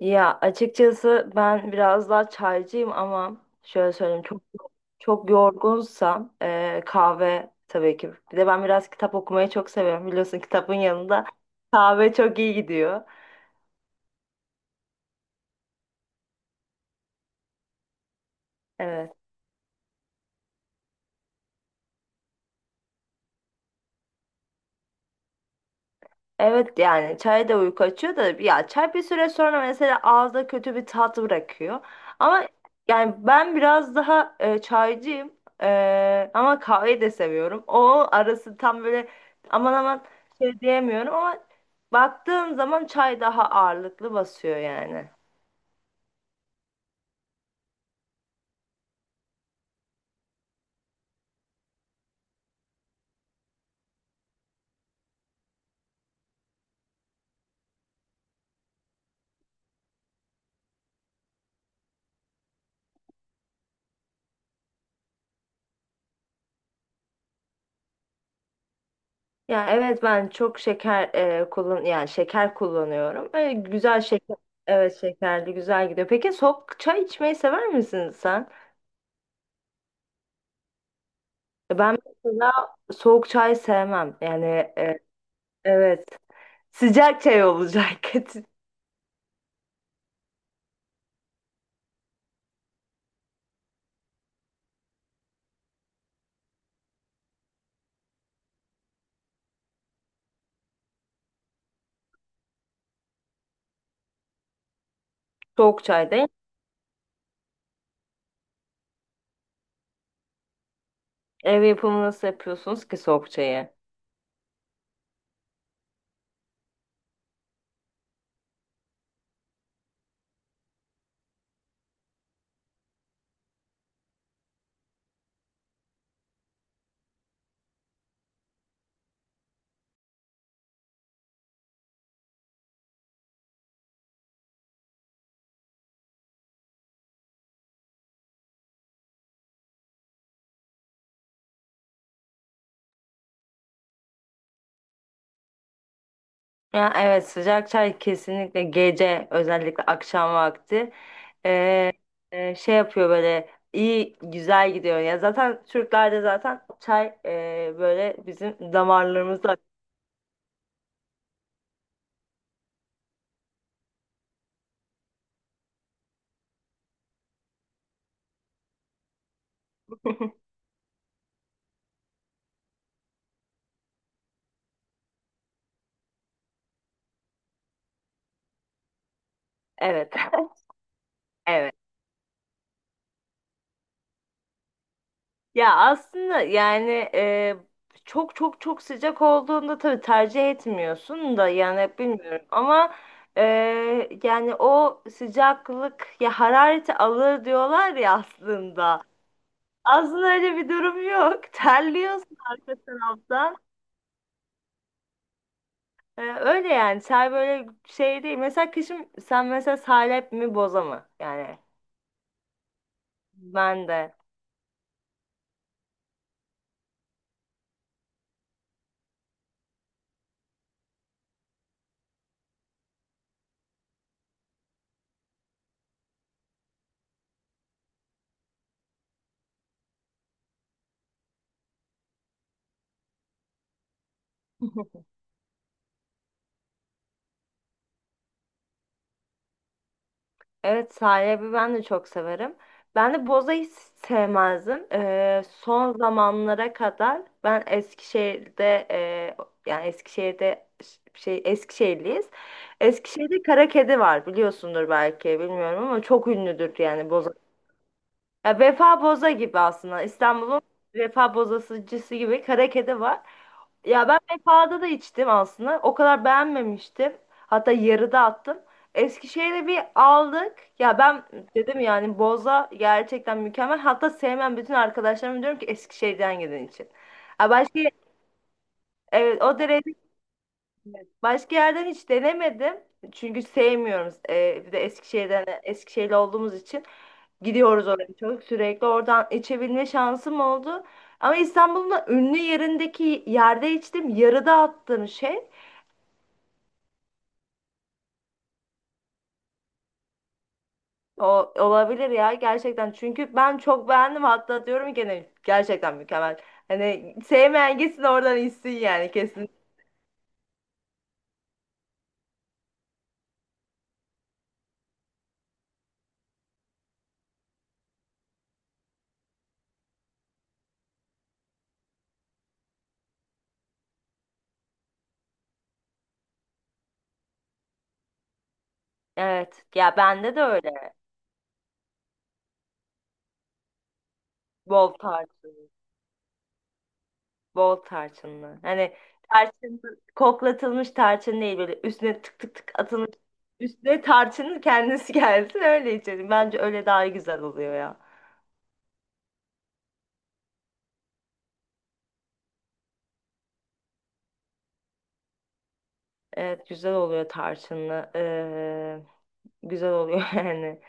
Ya açıkçası ben biraz daha çaycıyım ama şöyle söyleyeyim çok yorgunsam kahve tabii ki. Bir de ben biraz kitap okumayı çok seviyorum, biliyorsun, kitabın yanında kahve çok iyi gidiyor. Evet. Evet, yani çay da uyku açıyor da ya çay bir süre sonra mesela ağızda kötü bir tat bırakıyor. Ama yani ben biraz daha çaycıyım. Ama kahveyi de seviyorum. O arası tam böyle aman aman şey diyemiyorum ama baktığım zaman çay daha ağırlıklı basıyor yani. Ya evet, ben çok şeker e, kullan yani şeker kullanıyorum. Öyle güzel şeker, evet, şekerli güzel gidiyor. Peki soğuk çay içmeyi sever misin sen? Ben mesela soğuk çay sevmem. Yani e, evet. Sıcak çay olacak. Soğuk çay değil. Ev yapımı nasıl yapıyorsunuz ki soğuk çayı? Ya evet, sıcak çay kesinlikle gece, özellikle akşam vakti e, şey yapıyor, böyle iyi güzel gidiyor. Ya zaten Türklerde zaten çay böyle bizim damarlarımızda. Evet. Evet. Ya aslında yani çok sıcak olduğunda tabii tercih etmiyorsun da yani bilmiyorum ama e, yani o sıcaklık ya harareti alır diyorlar ya aslında. Aslında öyle bir durum yok. Terliyorsun arka taraftan. Öyle yani, ter böyle şey değil. Mesela kışın sen mesela salep mi boza mı? Yani ben de. Evet sahibi, ben de çok severim. Ben de bozayı hiç sevmezdim. Son zamanlara kadar. Ben Eskişehir'de yani Eskişehir'de şey, Eskişehirliyiz. Eskişehir'de kara kedi var, biliyorsundur belki, bilmiyorum, ama çok ünlüdür yani boza, ya Vefa Boza gibi aslında. İstanbul'un Vefa Bozacısı gibi Karakede var. Ya ben Vefa'da da içtim aslında. O kadar beğenmemiştim. Hatta yarıda attım. Eskişehir'e bir aldık. Ya ben dedim yani boza gerçekten mükemmel. Hatta sevmem bütün arkadaşlarıma diyorum ki Eskişehir'den gelen için. Ya başka, evet, o derece. Başka yerden hiç denemedim. Çünkü sevmiyoruz. Bir de Eskişehir'den, Eskişehirli olduğumuz için gidiyoruz oraya çok. Sürekli oradan içebilme şansım oldu. Ama İstanbul'un da ünlü yerindeki yerde içtim. Yarıda attığım şey o olabilir ya gerçekten. Çünkü ben çok beğendim. Hatta diyorum gene gerçekten mükemmel. Hani sevmeyen gitsin oradan içsin yani, kesin. Evet. Ya bende de öyle. Bol tarz. Bol tarçınlı. Hani tarçın, koklatılmış tarçın değil, böyle üstüne tık tık tık atılmış. Üstüne tarçının kendisi gelsin, öyle içelim. Bence öyle daha güzel oluyor ya. Evet, güzel oluyor tarçınlı. Güzel oluyor yani.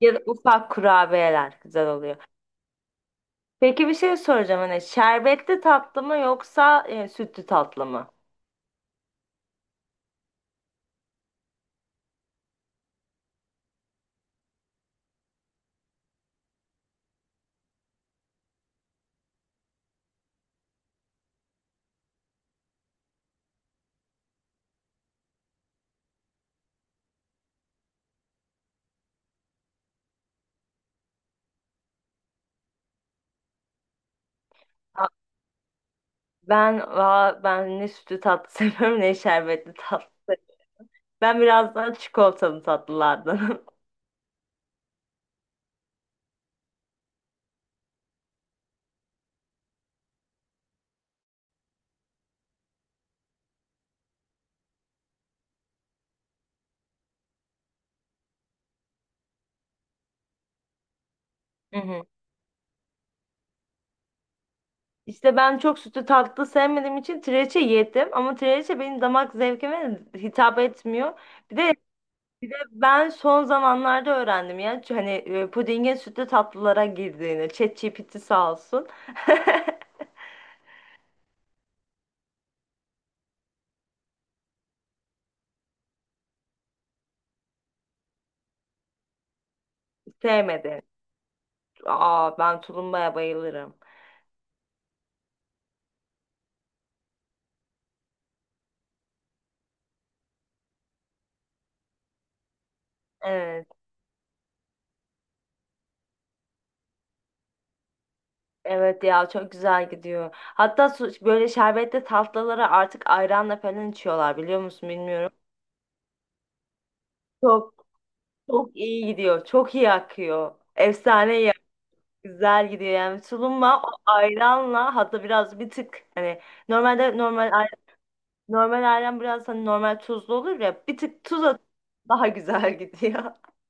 Ya da ufak kurabiyeler güzel oluyor. Peki bir şey soracağım, hani şerbetli tatlı mı yoksa sütlü tatlı mı? Aa, Ben, ben ne sütlü tatlı seviyorum ne şerbetli tatlı. Ben biraz daha çikolatalı tatlılardanım. İşte ben çok sütlü tatlı sevmediğim için trileçe yedim ama trileçe benim damak zevkime hitap etmiyor. Bir de bir de ben son zamanlarda öğrendim ya hani pudingin sütlü tatlılara girdiğini. ChatGPT sağ olsun. Sevmedi. Aa, ben tulumbaya bayılırım. Evet. Evet ya, çok güzel gidiyor. Hatta böyle şerbetli tatlılara artık ayranla falan içiyorlar, biliyor musun, bilmiyorum. Çok çok iyi gidiyor. Çok iyi akıyor. Efsane iyi. Güzel gidiyor yani tulumba o ayranla, hatta biraz bir tık hani normalde normal ay- normal ayran biraz, hani normal tuzlu olur ya, bir tık tuz at, daha güzel gidiyor.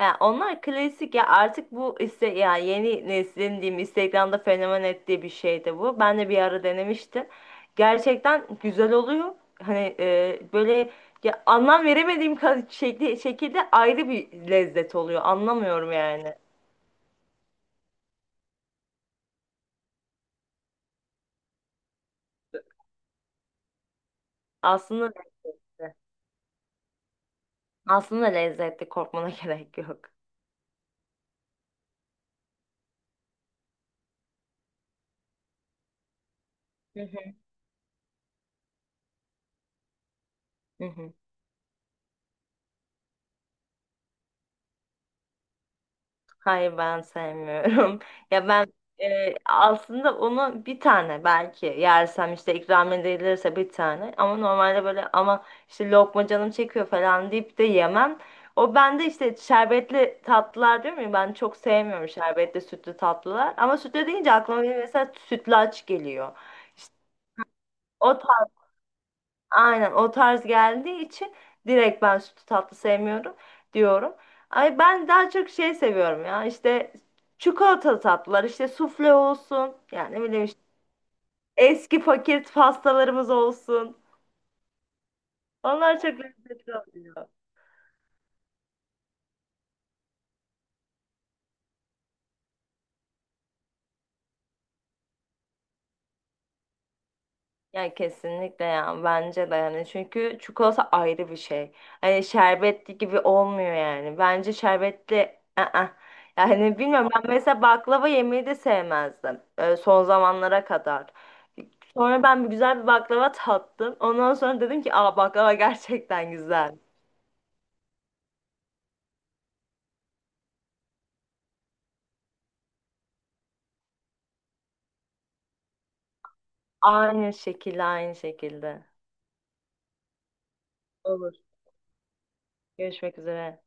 Yani onlar klasik ya, artık bu iste yani yeni neslin diyeyim Instagram'da fenomen ettiği bir şey de bu. Ben de bir ara denemiştim. Gerçekten güzel oluyor. Hani böyle ya anlam veremediğim şekli, şekilde ayrı bir lezzet oluyor. Anlamıyorum yani. Aslında Aslında lezzetli, korkmana gerek yok. Hı hı, hı hı. Hayır, ben sevmiyorum. Ya ben aslında onu bir tane belki yersem, işte ikram edilirse, bir tane, ama normalde böyle ama işte lokma canım çekiyor falan deyip de yemem. O bende işte şerbetli tatlılar diyorum ya, ben çok sevmiyorum şerbetli sütlü tatlılar, ama sütlü deyince aklıma benim mesela sütlaç geliyor. İşte o aynen o tarz geldiği için direkt ben sütlü tatlı sevmiyorum diyorum. Ay ben daha çok şey seviyorum ya, işte çikolatalı tatlılar, işte sufle olsun, yani ne bileyim, işte eski paket pastalarımız olsun. Onlar çok lezzetli oluyor. Ya kesinlikle ya, bence de yani, çünkü çikolata ayrı bir şey. Hani şerbetli gibi olmuyor yani. Bence şerbetli ı-ı. Yani bilmiyorum, ben mesela baklava yemeyi de sevmezdim son zamanlara kadar. Sonra ben bir güzel bir baklava tattım. Ondan sonra dedim ki aa, baklava gerçekten güzel. Aynı şekilde, aynı şekilde. Olur. Görüşmek üzere.